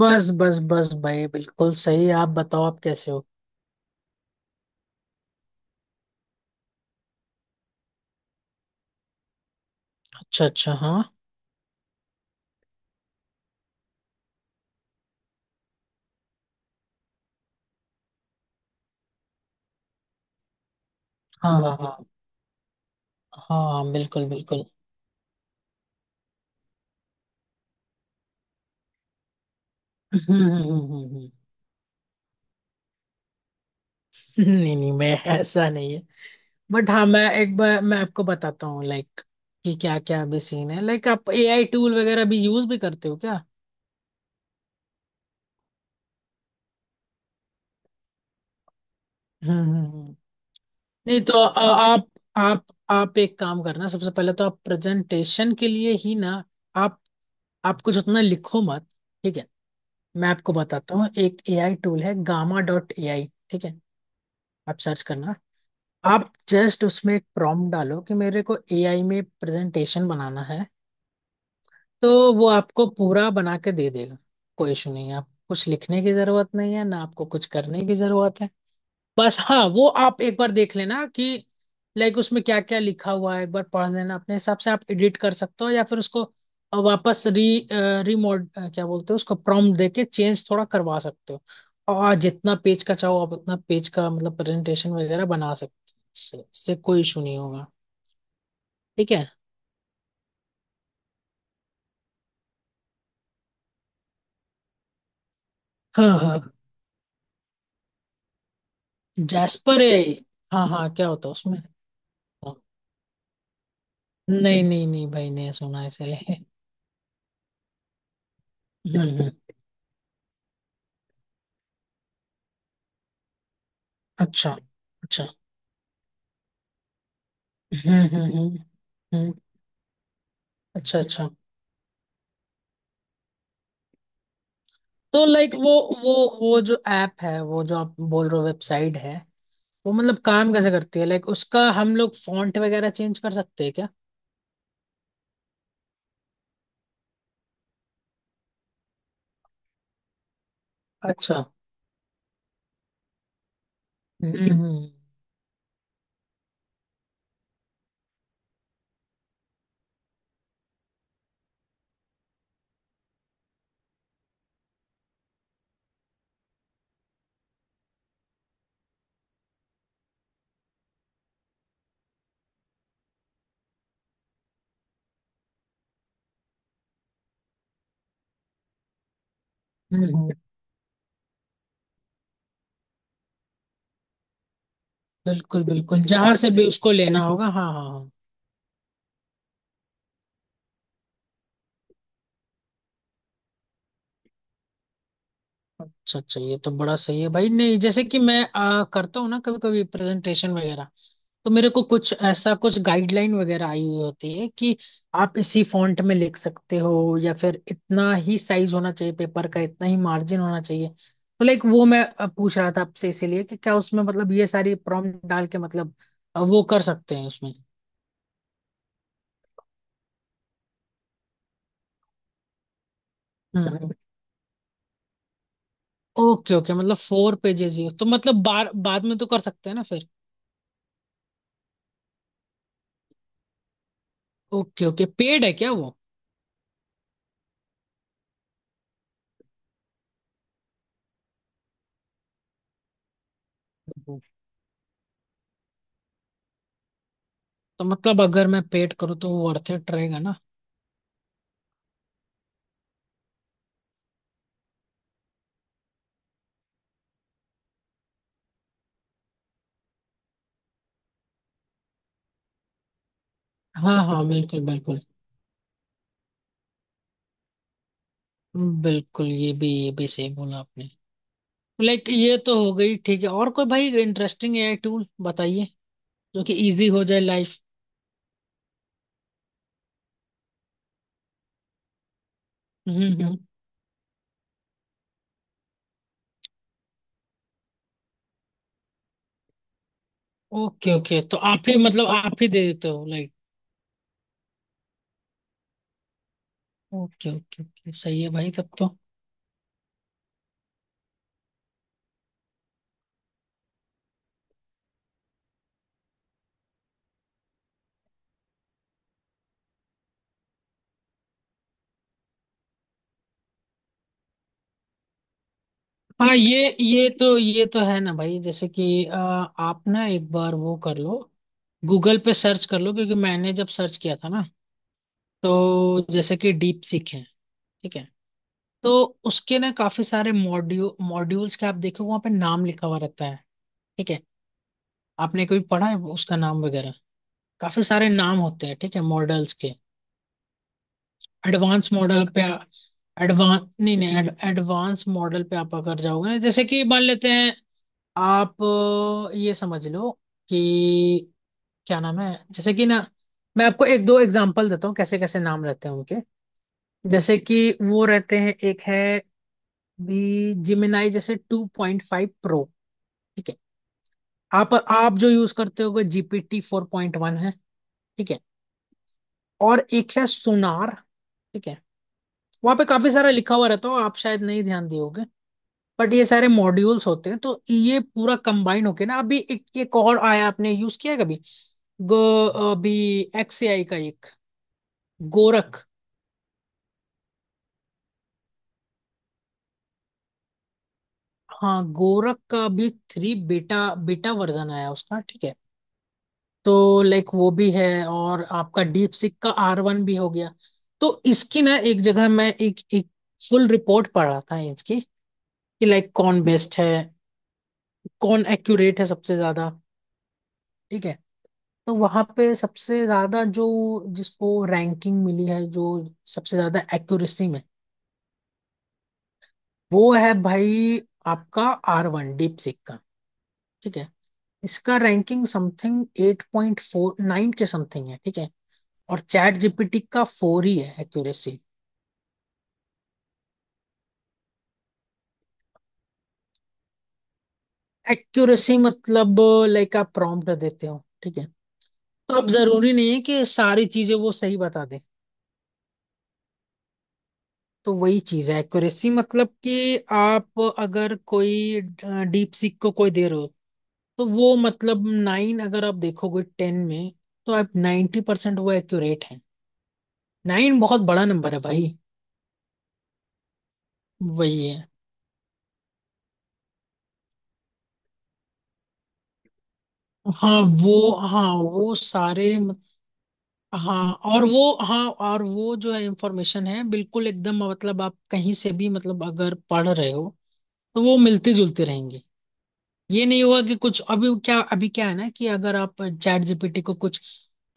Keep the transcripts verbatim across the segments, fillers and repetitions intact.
बस बस बस भाई, बिल्कुल सही। आप बताओ, आप कैसे हो। अच्छा, अच्छा। हाँ। हाँ, हाँ, हाँ। हाँ, बिल्कुल बिल्कुल। हम्म हम्म हम्म, हम्म, हम्म। नहीं, नहीं, मैं ऐसा नहीं है। बट हाँ, मैं एक बार मैं आपको बताता हूँ, लाइक कि क्या क्या अभी सीन है। लाइक आप एआई टूल वगैरह भी यूज भी करते हो क्या। हम्म हम्म हम्म। नहीं, तो अ, आप आप आप एक काम करना, सबसे पहले तो आप प्रेजेंटेशन के लिए ही ना, आप आप कुछ उतना लिखो मत। ठीक है। मैं आपको बताता हूँ, एक एआई टूल है, गामा डॉट एआई। ठीक है। आप सर्च करना। आप जस्ट उसमें एक प्रॉम्प्ट डालो कि मेरे को एआई में प्रेजेंटेशन बनाना है, तो वो आपको पूरा बना के दे देगा। कोई इशू नहीं है, आप कुछ लिखने की जरूरत नहीं है ना, आपको कुछ करने की जरूरत है। बस हाँ, वो आप एक बार देख लेना कि लाइक उसमें क्या क्या लिखा हुआ है, एक बार पढ़ लेना, अपने हिसाब से आप एडिट कर सकते हो, या फिर उसको वापस री रिमोड क्या बोलते हो, उसको प्रॉम्प्ट देके चेंज थोड़ा करवा सकते हो। और जितना पेज का चाहो, आप उतना पेज का मतलब प्रेजेंटेशन वगैरह बना सकते हो, इससे इससे कोई इशू नहीं होगा। ठीक है। हाँ, हाँ। जैस्पर है। हाँ, हाँ, क्या होता है उसमें। हाँ। नहीं, नहीं, नहीं, भाई, नहीं सुना इसलिए। हम्म हम्म, अच्छा। अच्छा। हम्म हम्म हम्म। हम्म। अच्छा, अच्छा। तो लाइक वो वो वो जो ऐप है, वो जो आप बोल रहे हो, वेबसाइट है, वो मतलब काम कैसे करती है, लाइक उसका हम लोग फॉन्ट वगैरह चेंज कर सकते हैं क्या। अच्छा। हम्म हम्म हम्म हम्म, बिल्कुल बिल्कुल, जहां से भी उसको लेना होगा। हाँ, हाँ, हाँ। अच्छा, अच्छा, ये तो बड़ा सही है भाई। नहीं, जैसे कि मैं आ, करता हूँ ना कभी कभी प्रेजेंटेशन वगैरह, तो मेरे को कुछ ऐसा कुछ गाइडलाइन वगैरह आई हुई होती है कि आप इसी फॉन्ट में लिख सकते हो, या फिर इतना ही साइज होना चाहिए पेपर का, इतना ही मार्जिन होना चाहिए, तो लाइक वो मैं अ, पूछ रहा था आपसे, इसीलिए कि क्या उसमें मतलब ये सारी प्रॉम्प्ट डाल के मतलब अ, वो कर सकते हैं उसमें। हम्म। ओके, ओके, मतलब फोर पेजेस ही हो, तो मतलब बार बाद में तो कर सकते हैं ना फिर। ओके, ओके, पेड है क्या वो। हम्म। तो मतलब अगर मैं पेड करूँ तो वो वर्थ इट रहेगा ना। हाँ, हाँ, बिल्कुल बिल्कुल। बिल्कुल, ये भी ये भी सही बोला आपने। लाइक ये तो हो गई, ठीक है, और कोई भाई इंटरेस्टिंग एआई टूल बताइए, जो कि इजी हो जाए लाइफ। हम्म हम्म। ओके, ओके, तो आप ही मतलब आप ही दे देते हो, लाइक। ओके, ओके, ओके, सही है भाई, तब तो। हाँ, ये ये तो ये तो है ना भाई, जैसे कि अ, आप ना एक बार वो कर लो, गूगल पे सर्च कर लो, क्योंकि मैंने जब सर्च किया था ना, तो जैसे कि डीप सीख है। ठीक है। तो उसके ना काफी सारे मॉड्यूल मॉड्यूल्स के आप देखो, वहाँ पे नाम लिखा हुआ रहता है। ठीक है। आपने कोई पढ़ा है उसका नाम वगैरह, काफी सारे नाम होते हैं, ठीक है, मॉडल्स के। एडवांस मॉडल पे। एडवांस, नहीं, नहीं। एडवांस मॉडल पे आप अगर जाओगे, जैसे कि मान लेते हैं, आप अ, ये समझ लो कि क्या नाम है, जैसे कि ना, मैं आपको एक दो एग्जांपल देता हूँ कैसे कैसे नाम रहते हैं उनके। जैसे कि वो रहते हैं, एक है भी जिमिनाई, जैसे टू पॉइंट फाइव प्रो। ठीक है। आप आप जो यूज करते होगे जीपीटी फोर पॉइंट वन है। ठीक है। और एक है सोनार। ठीक है। वहां पे काफी सारा लिखा हुआ रहता हो, आप शायद नहीं ध्यान दिए होगे, बट ये सारे मॉड्यूल्स होते हैं, तो ये पूरा कंबाइन होके ना, अभी एक एक और आया, आपने यूज किया है कभी। गो। अभी एक्स ए आई का एक गोरख। हाँ, गोरख का भी थ्री बेटा बेटा वर्जन आया उसका। ठीक है। तो लाइक वो भी है, और आपका डीप सिक का आर वन भी हो गया। तो इसकी ना एक जगह मैं एक एक फुल रिपोर्ट पढ़ रहा था इसकी, कि लाइक कौन बेस्ट है, कौन एक्यूरेट है सबसे ज्यादा। ठीक है। तो वहां पे सबसे ज्यादा जो जिसको रैंकिंग मिली है, जो सबसे ज्यादा एक्यूरेसी में, वो है भाई आपका आर वन डीप सिक का। ठीक है। इसका ranking something eight point four nine के समथिंग है। ठीक है। और चैट जीपीटी का फोर ही है एक्यूरेसी। एक्यूरेसी मतलब लाइक आप प्रॉम्प्ट देते हो, ठीक है, तो अब जरूरी नहीं है कि सारी चीजें वो सही बता दे। तो वही चीज है एक्यूरेसी, मतलब कि आप अगर कोई डीप सीक को कोई दे रहे हो, तो वो मतलब नाइन अगर आप देखोगे टेन में, तो आप नाइन्टी परसेंट वो एक्यूरेट है। नाइन बहुत बड़ा नंबर है भाई। वही है। हाँ वो हाँ वो सारे मत- हाँ और वो हाँ और वो जो है, इंफॉर्मेशन है बिल्कुल एकदम, मतलब आप कहीं से भी, मतलब अगर पढ़ रहे हो, तो वो मिलती जुलती रहेंगी। ये नहीं हुआ कि कुछ अभी क्या अभी क्या है ना कि अगर आप चैट जीपीटी को कुछ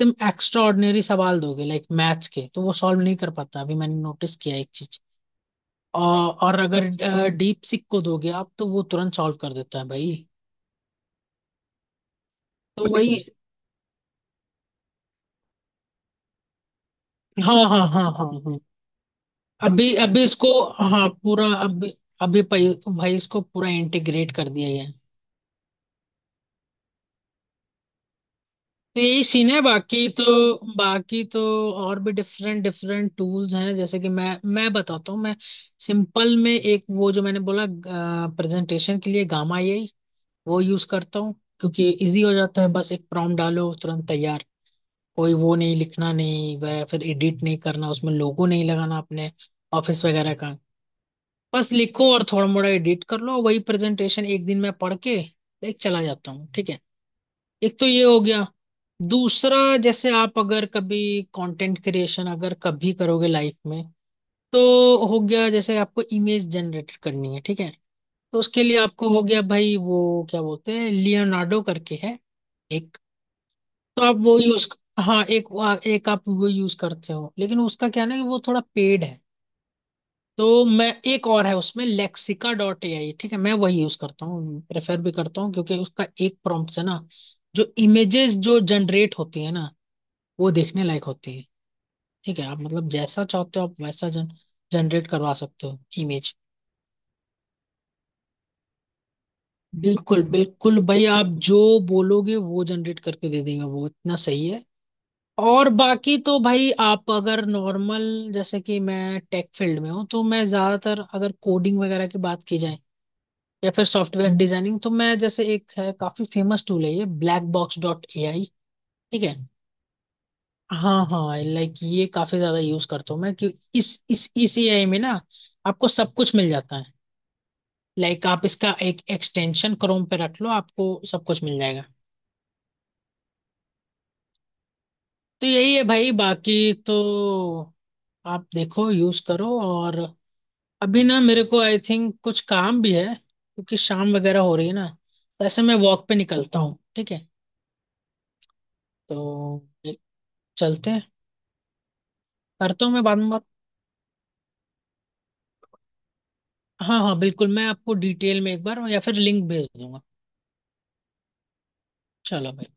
एकदम एक्स्ट्रा ऑर्डिनरी सवाल दोगे लाइक मैथ्स के, तो वो सॉल्व नहीं कर पाता। अभी मैंने नोटिस किया एक चीज। और और अगर डीप सिक को दोगे आप, तो वो तुरंत सॉल्व कर देता है भाई। तो वही। हाँ, हाँ, हाँ, हाँ, हाँ। अभी अभी इसको, हाँ पूरा अभी, अभी पै- भाई, इसको पूरा इंटीग्रेट कर दिया गया है। तो यही सीन है। बाकी तो बाकी तो और भी डिफरेंट डिफरेंट टूल्स हैं, जैसे कि मैं मैं बताता हूँ। मैं सिंपल में एक वो जो मैंने बोला, प्रेजेंटेशन के लिए गामा, ये वो यूज करता हूँ, क्योंकि इजी हो जाता है। बस एक प्रॉम्प्ट डालो, तुरंत तैयार। कोई वो नहीं लिखना, नहीं वह फिर एडिट नहीं करना, उसमें लोगो नहीं लगाना अपने ऑफिस वगैरह का, बस लिखो और थोड़ा मोड़ा एडिट कर लो, वही प्रेजेंटेशन एक दिन में पढ़ के एक चला जाता हूँ। ठीक है। एक तो ये हो गया, दूसरा, जैसे आप अगर कभी कंटेंट क्रिएशन अगर कभी करोगे लाइफ में, तो हो गया, जैसे आपको इमेज जनरेट करनी है, ठीक है, तो उसके लिए आपको हो गया भाई, वो क्या बोलते हैं लियोनार्डो करके है एक, तो आप वो यूज। हाँ, एक वो- एक आप वो यूज करते हो, लेकिन उसका क्या ना कि वो थोड़ा पेड है, तो मैं। एक और है उसमें लेक्सिका डॉट ए आई। ठीक है। मैं वही यूज करता हूँ, प्रेफर भी करता हूँ, क्योंकि उसका एक प्रॉम्प्ट से ना जो इमेजेस जो जनरेट होती है ना, वो देखने लायक होती है। ठीक है। आप मतलब जैसा चाहते हो, आप वैसा जन जनरेट करवा सकते हो इमेज। बिल्कुल बिल्कुल भाई, आप जो बोलोगे वो जनरेट करके दे देंगे, वो इतना सही है। और बाकी तो भाई, आप अगर नॉर्मल, जैसे कि मैं टेक फील्ड में हूँ, तो मैं ज्यादातर अगर कोडिंग वगैरह की बात की जाए, या फिर सॉफ्टवेयर डिजाइनिंग, तो मैं जैसे एक है काफी फेमस टूल है, ये black box dot A I. ठीक है। हाँ, हाँ, लाइक ये काफी ज्यादा यूज करता हूँ मैं, कि इस इस इस एआई में ना आपको सब कुछ मिल जाता है। लाइक आप इसका एक एक्सटेंशन क्रोम पे रख लो, आपको सब कुछ मिल जाएगा। तो यही है भाई, बाकी तो आप देखो, यूज करो, और अभी ना मेरे को आई थिंक कुछ काम भी है, क्योंकि शाम वगैरह हो रही है ना, तो ऐसे मैं वॉक पे निकलता हूँ। ठीक है। तो एक- चलते हैं। करता हूँ मैं बाद में बात, हाँ, हाँ, बिल्कुल, मैं आपको डिटेल में एक बार या फिर लिंक भेज दूंगा। चलो भाई।